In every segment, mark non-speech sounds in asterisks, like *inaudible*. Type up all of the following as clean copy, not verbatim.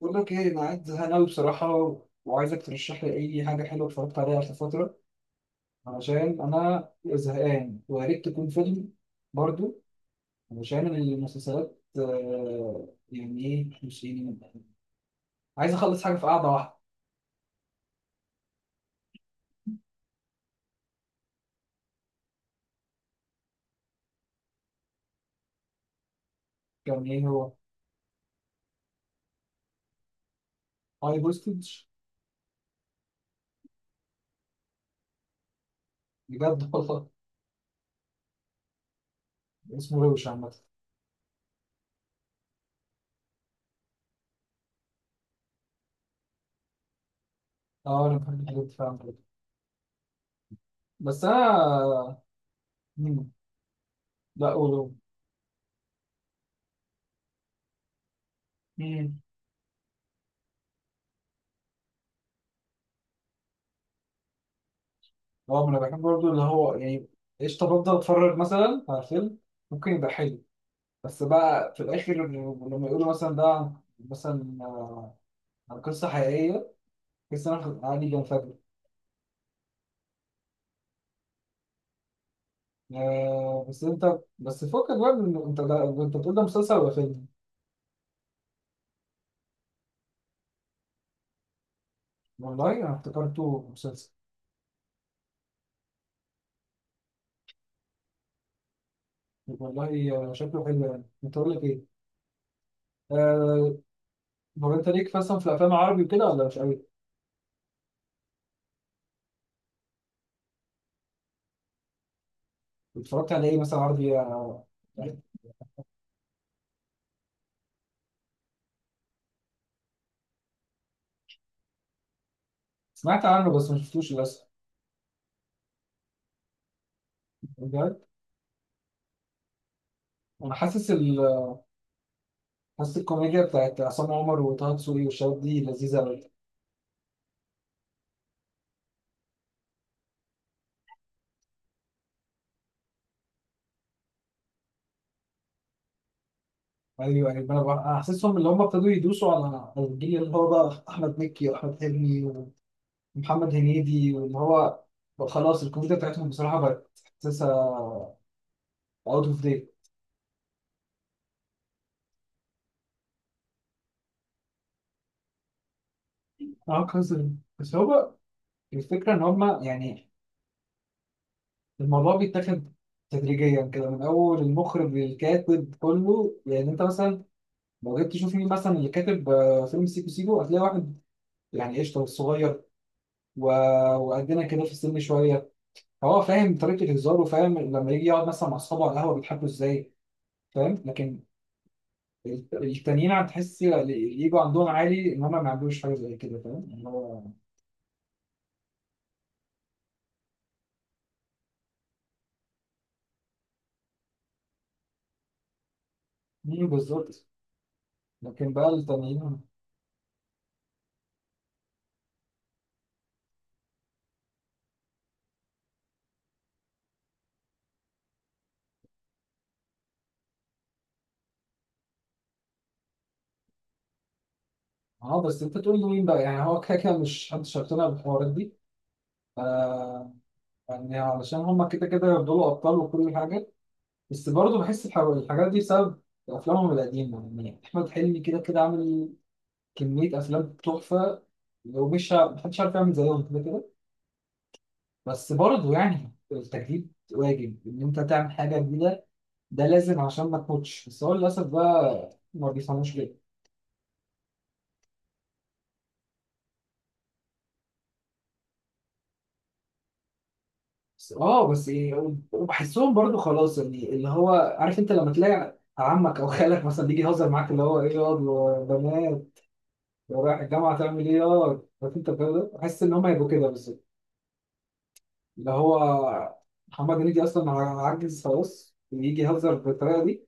بقول لك ايه، انا قاعد زهقان أوي بصراحه، وعايزك ترشح لي اي حاجه حلوه اتفرجت عليها في فتره، علشان انا زهقان، ويا ريت تكون فيلم برضو. علشان المسلسلات يعني ايه، مش يعني عايز اخلص حاجه في قعده واحده. كان ايه هو؟ هاي بوستج؟ بجد والله؟ اسمه روش عامه. اه، انا بحب الحاجات دي فعلا كده. بس انا مم. لا قولوا. اه، ما انا بحب برضو، اللي هو يعني قشطه. بفضل اتفرج مثلا على فيلم ممكن يبقى حلو، بس بقى في الاخر لما يقولوا مثلا ده عن- مثلا آه، عن قصه حقيقيه، تحس ان انا عادي بنفجر. بس انت، بس فكك بقى من، انت ده انت بتقول ده مسلسل ولا فيلم؟ والله انا افتكرته مسلسل. والله شكله حلو. يعني انت اقول لك ايه؟ آه، هو انت ليك مثلا في الافلام العربي وكده ولا مش قوي؟ اتفرجت على ايه مثلا عربي؟ سمعت عنه بس ما شفتوش للاسف. بجد؟ انا حاسس ال... حاسس الكوميديا بتاعت عصام عمر وطه دسوقي والشباب دي لذيذه قوي. ايوه ايوه، انا بقى- حاسسهم اللي هم ابتدوا يدوسوا على الجيل اللي هو بقى احمد مكي واحمد حلمي ومحمد هنيدي، واللي هو بقى خلاص الكوميديا بتاعتهم بصراحه بقت، حاسسها اوت اوف ديت. اه كذا. بس هو بقى الفكره ان هم يعني الموضوع بيتاخد تدريجيا كده، من اول المخرج للكاتب كله. يعني انت مثلا لو جيت تشوف مين مثلا اللي كاتب فيلم سيكو سيكو، هتلاقي واحد يعني قشطه والصغير وقدنا كده في السن شويه، هو فاهم طريقة هزاره، وفاهم لما يجي يقعد مثلا مع أصحابه على القهوة بيضحكوا إزاي، فاهم. لكن التانيين هتحس الإيجو عندهم عالي، إن هما ما عندوش حاجة زي كده، فاهم اللي هو. مين بالظبط؟ لكن بقى التانيين، أه بس أنت تقول له مين بقى؟ يعني هو كده كده مش محدش هيقتنع بالحوارات دي. آه، يعني علشان هما كده كده يفضلوا أبطال وكل حاجة. بس برضه بحس الحاجات دي بسبب أفلامهم القديمة. يعني أحمد حلمي كده كده عامل كمية أفلام تحفة، ومش محدش عارف يعمل زيهم كده كده. بس برضه يعني التجديد واجب، ان انت تعمل حاجه جديده. ده لازم عشان ما تموتش، بس هو للاسف بقى ما بيفهموش كده. بس اه، بس ايه، وبحسهم برضه خلاص يعني اللي هو، عارف انت لما تلاقي عمك او خالك مثلا بيجي يهزر معاك، اللي هو ايه ياض يا بنات، يا رايح الجامعه تعمل ايه، يا عارف انت الجو ده. بحس ان هم يبقوا كده بس. اللي هو محمد هنيدي اصلا عجز خلاص، ويجي يهزر بالطريقه دي،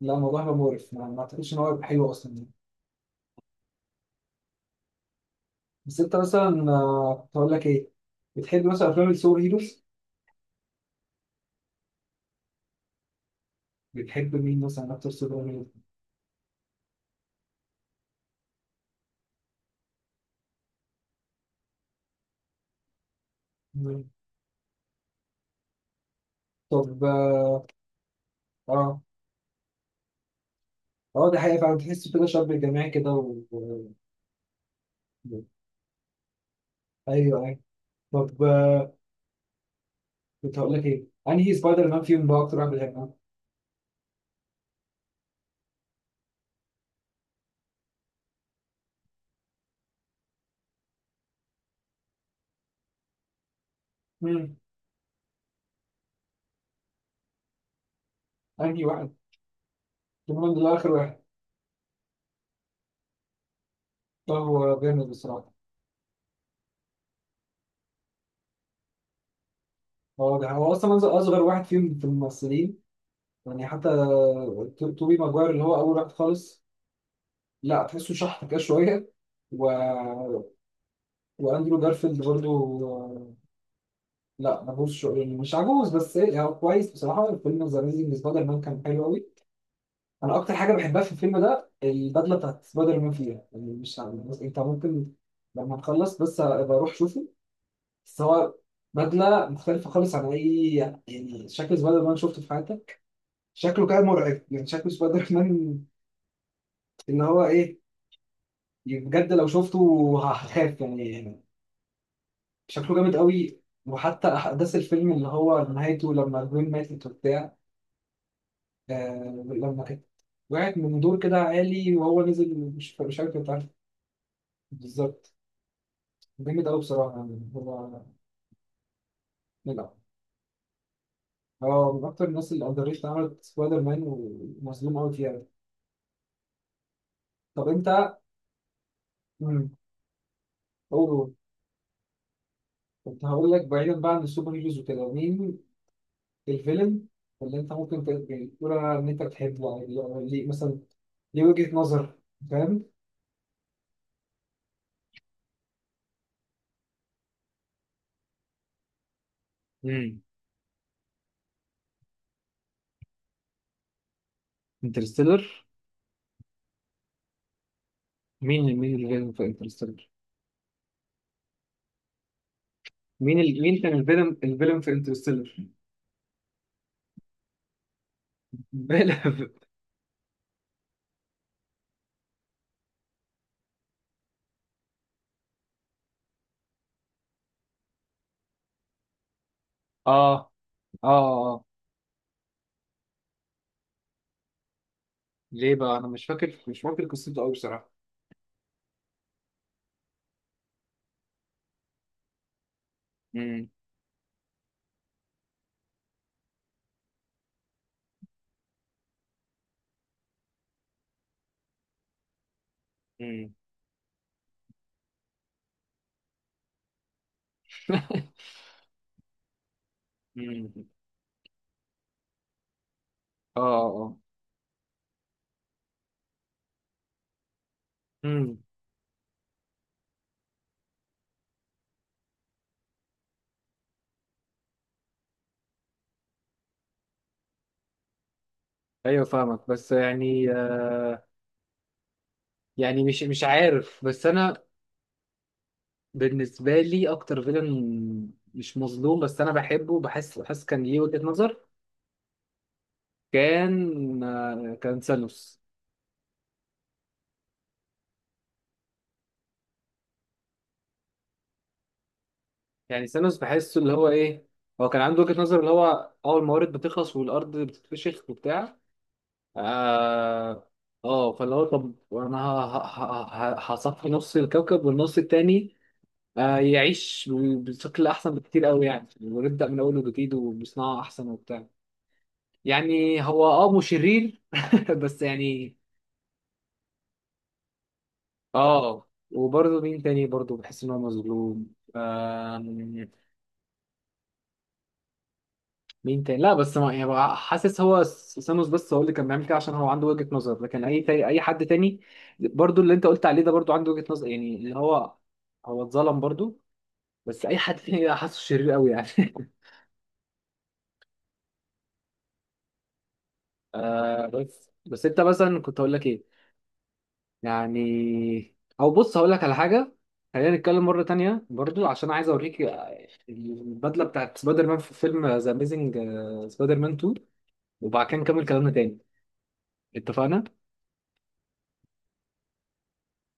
لا الموضوع هيبقى مقرف، ما اعتقدش ان هو هيبقى حلو اصلا. بس انت مثلا كنت هقول لك ايه، بتحب مثلا افلام السوبر هيروز؟ بتحب مين مثلا اكتر سوبر هيرو؟ مم. طب اه، اه دي حقيقة فعلا، تحس كده شاب جماعي كده و... و-. ايوه ايوه. طب كنت هقول لك ايه، انهي سبايدر مان فيهم بقى اكتر واحد بتحبه؟ مم. انهي واحد؟ توم هولاند ده اخر واحد. ده هو جامد بصراحة. هو ده هو اصلا أصغر واحد فيهم في الممثلين. يعني حتى توبي ماجواير اللي هو اول واحد خالص، لا تحسه شحط كده شوية و... واندرو جارفيلد برضو، لا ملهوش شغل يعني، مش عجوز بس ايه، يعني هو كويس بصراحه. الفيلم ذا اميزنج سبايدر مان كان حلو قوي. انا اكتر حاجه بحبها في الفيلم ده البدله بتاعت سبايدر مان فيها، يعني مش عارف، بس انت ممكن لما تخلص بس ابقى اروح شوفه. بس هو بدله مختلفه خالص عن اي، يعني شكل سبايدر مان شفته في حياتك. شكله كان مرعب، يعني شكل سبايدر مان اللي هو ايه، بجد لو شفته هخاف يعني، شكله جامد قوي. وحتى احداث الفيلم اللي هو نهايته لما البنت ماتت وبتاع، آه لما كانت وقعت من دور كده عالي وهو نزل، مش عارف، انت عارف؟ بالظبط. جامد قوي بصراحه يعني. هو لا، هو من اكتر الناس اللي اندريت عملت سبايدر مان، ومظلوم قوي فيها. طب انت، امم، قول، كنت هقول لك، بعيدا بقى عن السوبر هيروز وكده، مين الفيلن اللي انت ممكن يعني تقول ان انت بتحبه، يعني ليه مثلا؟ ليه وجهة نظر؟ فاهم؟ انترستيلر؟ مين، مين الفيلم في انترستيلر؟ مين ال... مين كان الفيلم، الفيلم في انترستيلر؟ بلا اه، اه اه. ليه بقى؟ انا مش فاكر، مش فاكر قصته قوي بصراحه. امم، امم، امم. *laughs* اه، اه، امم. ايوه فاهمك بس يعني آه، يعني مش مش عارف، بس انا بالنسبه لي اكتر فيلم مش مظلوم بس انا بحبه، بحس بحس كان ليه وجهة نظر، كان آه كان ثانوس. يعني ثانوس بحسه اللي هو ايه، هو كان عنده وجهة نظر، اللي هو اه الموارد بتخلص والارض بتتفشخ وبتاع. اه اه. فاللي هو طب انا هصفي نص الكوكب، والنص التاني آه يعيش بشكل احسن بكتير قوي يعني، ونبدأ من اول وجديد وبصناعة احسن وبتاع. يعني هو اه مشرير *laughs* بس يعني. اه، وبرضه مين تاني برضه بحس ان هو مظلوم؟ آه، مين تاني؟ لا بس ما يعني بقى، حاسس هو سانوس بس هو اللي كان بيعمل كده عشان هو عنده وجهة نظر، لكن اي تاني، اي حد تاني برضو اللي انت قلت عليه ده برضو عنده وجهة نظر، يعني اللي هو هو اتظلم برضو، بس اي حد تاني ده حاسه شرير قوي يعني *laughs* آه، بس بس انت مثلا كنت هقول لك ايه، يعني او بص هقول لك على حاجة، خلينا نتكلم مرة تانية برضو، عشان عايز اوريك البدلة بتاعت سبايدر مان في فيلم ذا اميزنج سبايدر مان 2، وبعد كده نكمل كلامنا تاني. اتفقنا؟